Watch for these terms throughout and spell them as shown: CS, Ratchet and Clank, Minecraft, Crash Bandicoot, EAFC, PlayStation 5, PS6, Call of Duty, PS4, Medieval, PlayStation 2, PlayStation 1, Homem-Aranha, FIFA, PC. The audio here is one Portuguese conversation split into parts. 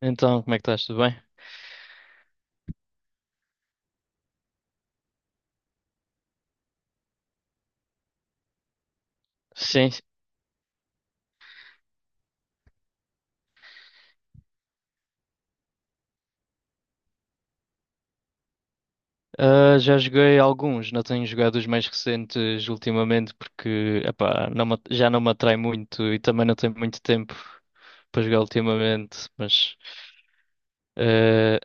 Então, como é que estás? Tudo bem? Sim. Já joguei alguns, não tenho jogado os mais recentes ultimamente porque epá, já não me atrai muito e também não tenho muito tempo para jogar ultimamente, mas ah,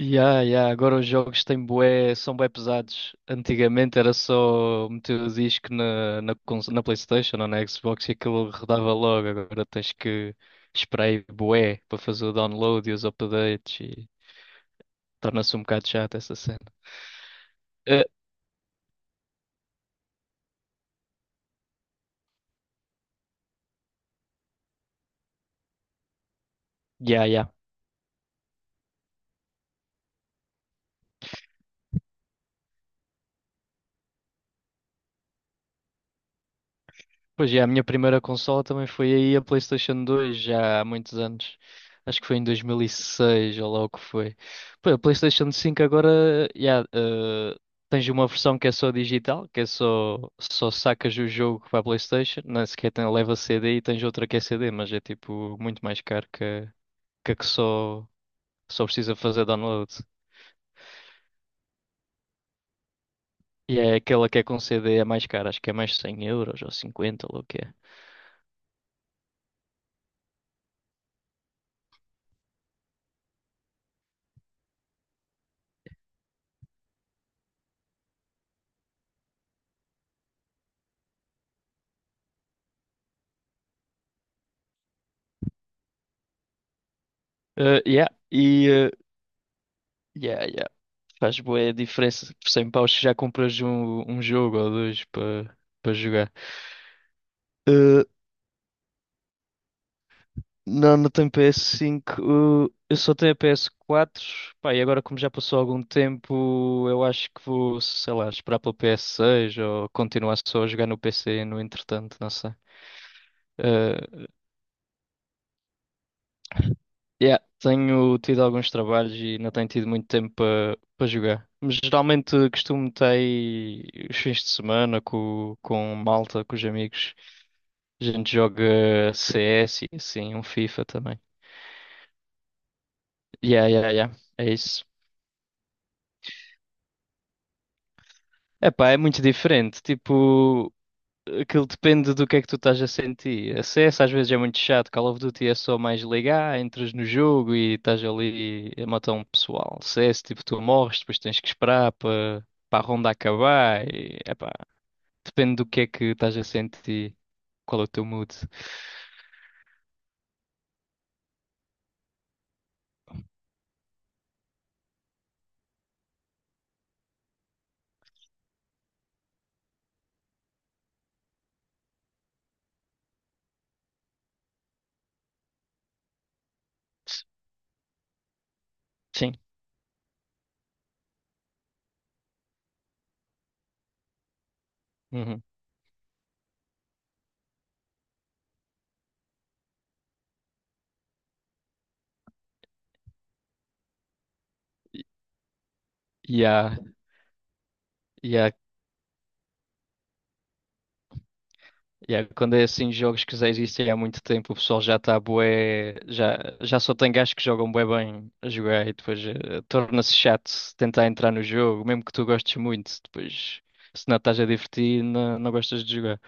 yeah, yeah, agora os jogos são bué pesados. Antigamente era só meter o disco na PlayStation ou na Xbox e aquilo rodava logo, agora tens que esperar aí bué para fazer o download e os updates e torna-se um bocado chato essa cena. Yeah, yeah. Pois, yeah, a minha primeira consola também foi aí a PlayStation 2, já há muitos anos. Acho que foi em 2006 ou lá o que foi. Pô, a PlayStation 5 agora, yeah, tens uma versão que é só, digital, que é só sacas o jogo para a PlayStation, não é sequer tem, leva CD e tens outra que é CD, mas é tipo muito mais caro que a que só, só precisa fazer download. E é aquela que é com CD é mais cara, acho que é mais 100€ ou 50 ou lá o que é. Yeah, yeah, yeah. Faz bué diferença por 100 paus que já compras um, jogo ou dois para jogar. Eh, não, não tenho PS5. Eu só tenho a PS4. Pá, e agora como já passou algum tempo, eu acho que vou, sei lá, esperar pelo PS6 ou continuar só a jogar no PC no entretanto, não sei. Eh, yeah, tenho tido alguns trabalhos e não tenho tido muito tempo para jogar. Mas geralmente costumo ter os fins de semana com malta, com os amigos. A gente joga CS e assim, um FIFA também. Yeah, yeah, yeah. É isso. Epá, é muito diferente. Tipo, aquilo depende do que é que tu estás a sentir. A CS às vezes é muito chato. Call of Duty é só mais ligar, entras no jogo e estás ali a matar um pessoal. CS, tipo, tu morres, depois tens que esperar para a ronda acabar. E, epá, depende do que é que estás a sentir. Qual é o teu mood? Sim. Uhum. Yeah. Yeah, quando é assim jogos que já existem há muito tempo, o pessoal já está bué, já só tem gajos que jogam bué bem a jogar e depois torna-se chato tentar entrar no jogo, mesmo que tu gostes muito, depois se não estás a divertir, não, não gostas de jogar.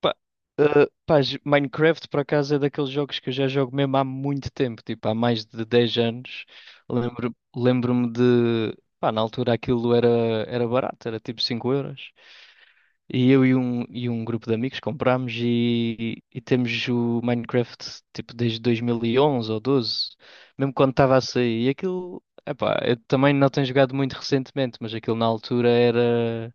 Pá, Minecraft por acaso é daqueles jogos que eu já jogo mesmo há muito tempo, tipo há mais de 10 anos. Lembro-me de, pá, na altura aquilo era barato, era tipo 5€. E eu e um grupo de amigos comprámos e temos o Minecraft tipo desde 2011 ou 12, mesmo quando estava a sair. E aquilo, epá, eu também não tenho jogado muito recentemente, mas aquilo na altura era.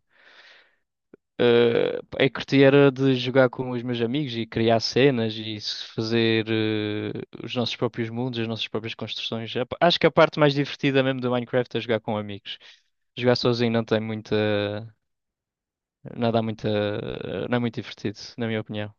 eh, a curti era de jogar com os meus amigos e criar cenas e se fazer os nossos próprios mundos, as nossas próprias construções. Epá, acho que a parte mais divertida mesmo do Minecraft é jogar com amigos. Jogar sozinho não tem muita. Não dá muita, não é muito divertido, na minha opinião.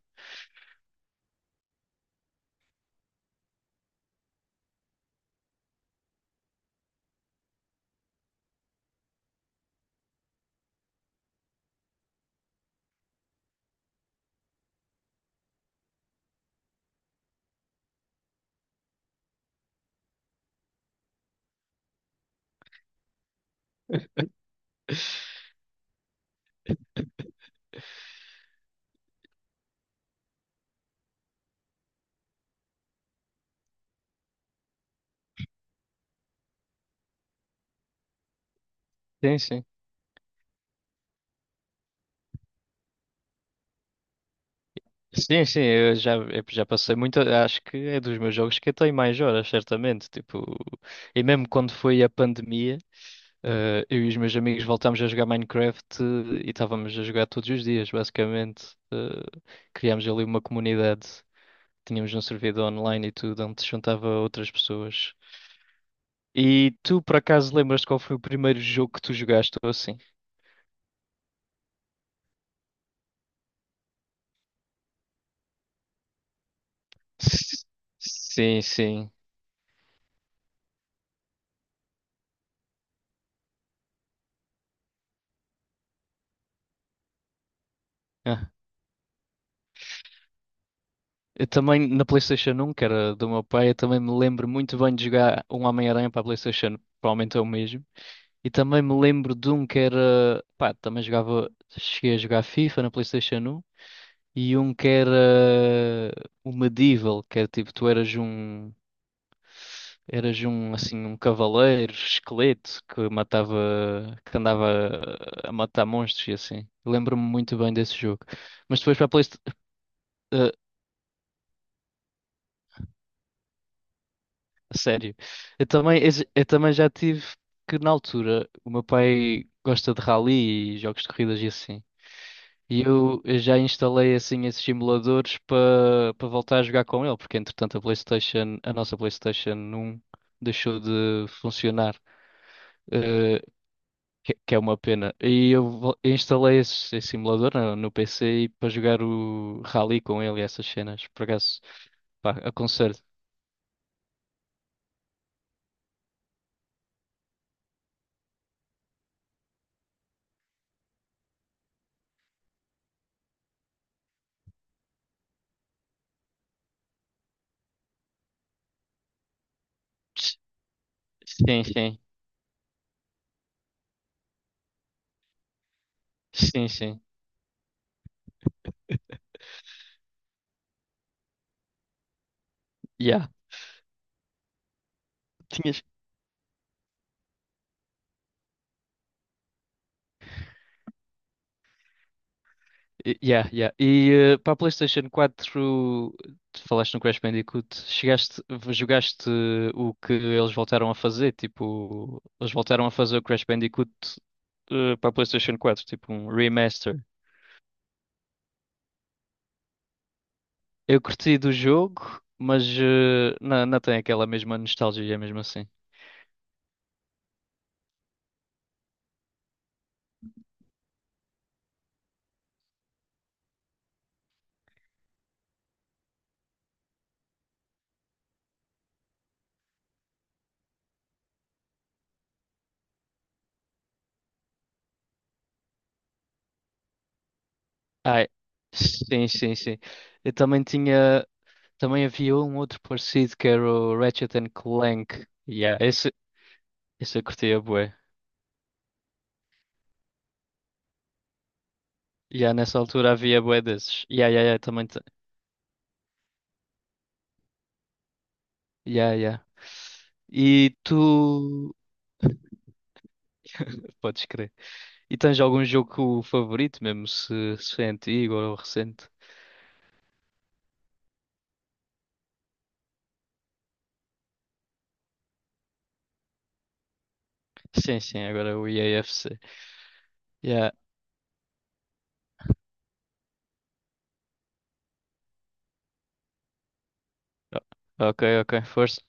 Sim, sim. Sim, sim, eu já passei muito. Acho que é dos meus jogos que eu tenho mais horas, certamente. Tipo, e mesmo quando foi a pandemia. Eu e os meus amigos voltámos a jogar Minecraft e estávamos a jogar todos os dias, basicamente. Criámos ali uma comunidade, tínhamos um servidor online e tudo, onde se juntava outras pessoas. E tu, por acaso, lembras-te qual foi o primeiro jogo que tu jogaste ou assim? S- Sim, sim. Ah, eu também, na PlayStation 1, que era do meu pai, eu também me lembro muito bem de jogar um Homem-Aranha para a PlayStation, provavelmente é o mesmo. E também me lembro de um que era. Pá, também jogava. Cheguei a jogar FIFA na PlayStation 1. E um que era. O Medieval, que era tipo, tu eras um. Eras um, assim, um cavaleiro, esqueleto, que matava. Que andava a matar monstros e assim. Lembro-me muito bem desse jogo. Mas depois para a PlayStation. Sério. Eu também, eu também já tive. Que na altura o meu pai gosta de rally e jogos de corridas e assim. E eu já instalei assim esses simuladores para voltar a jogar com ele, porque entretanto a PlayStation, a nossa PlayStation 1 deixou de funcionar, eh, que é uma pena. E eu instalei esse simulador no PC e para jogar o Rally com ele e essas cenas. Por acaso, pá, aconselho. Sim, sim, sim, sim. Yeah. Yeah, yeah. E para a PlayStation 4, tu falaste no Crash Bandicoot, chegaste, jogaste o que eles voltaram a fazer, tipo, eles voltaram a fazer o Crash Bandicoot para a PlayStation 4, tipo um remaster. Eu curti do jogo, mas não, não tem aquela mesma nostalgia mesmo assim. Ai, sim, sim, sim. Eu também tinha, também havia um outro parecido que era o Ratchet and Clank. Yeah, esse eu curtia. Yeah, nessa altura havia bué desses. Yeah, yeah, yeah, também. Yeah, yeah. E tu. Podes crer. E tens algum jogo favorito, mesmo se, é antigo ou recente? Sim, sim, agora é o EAFC. Yeah, ok, ok, força.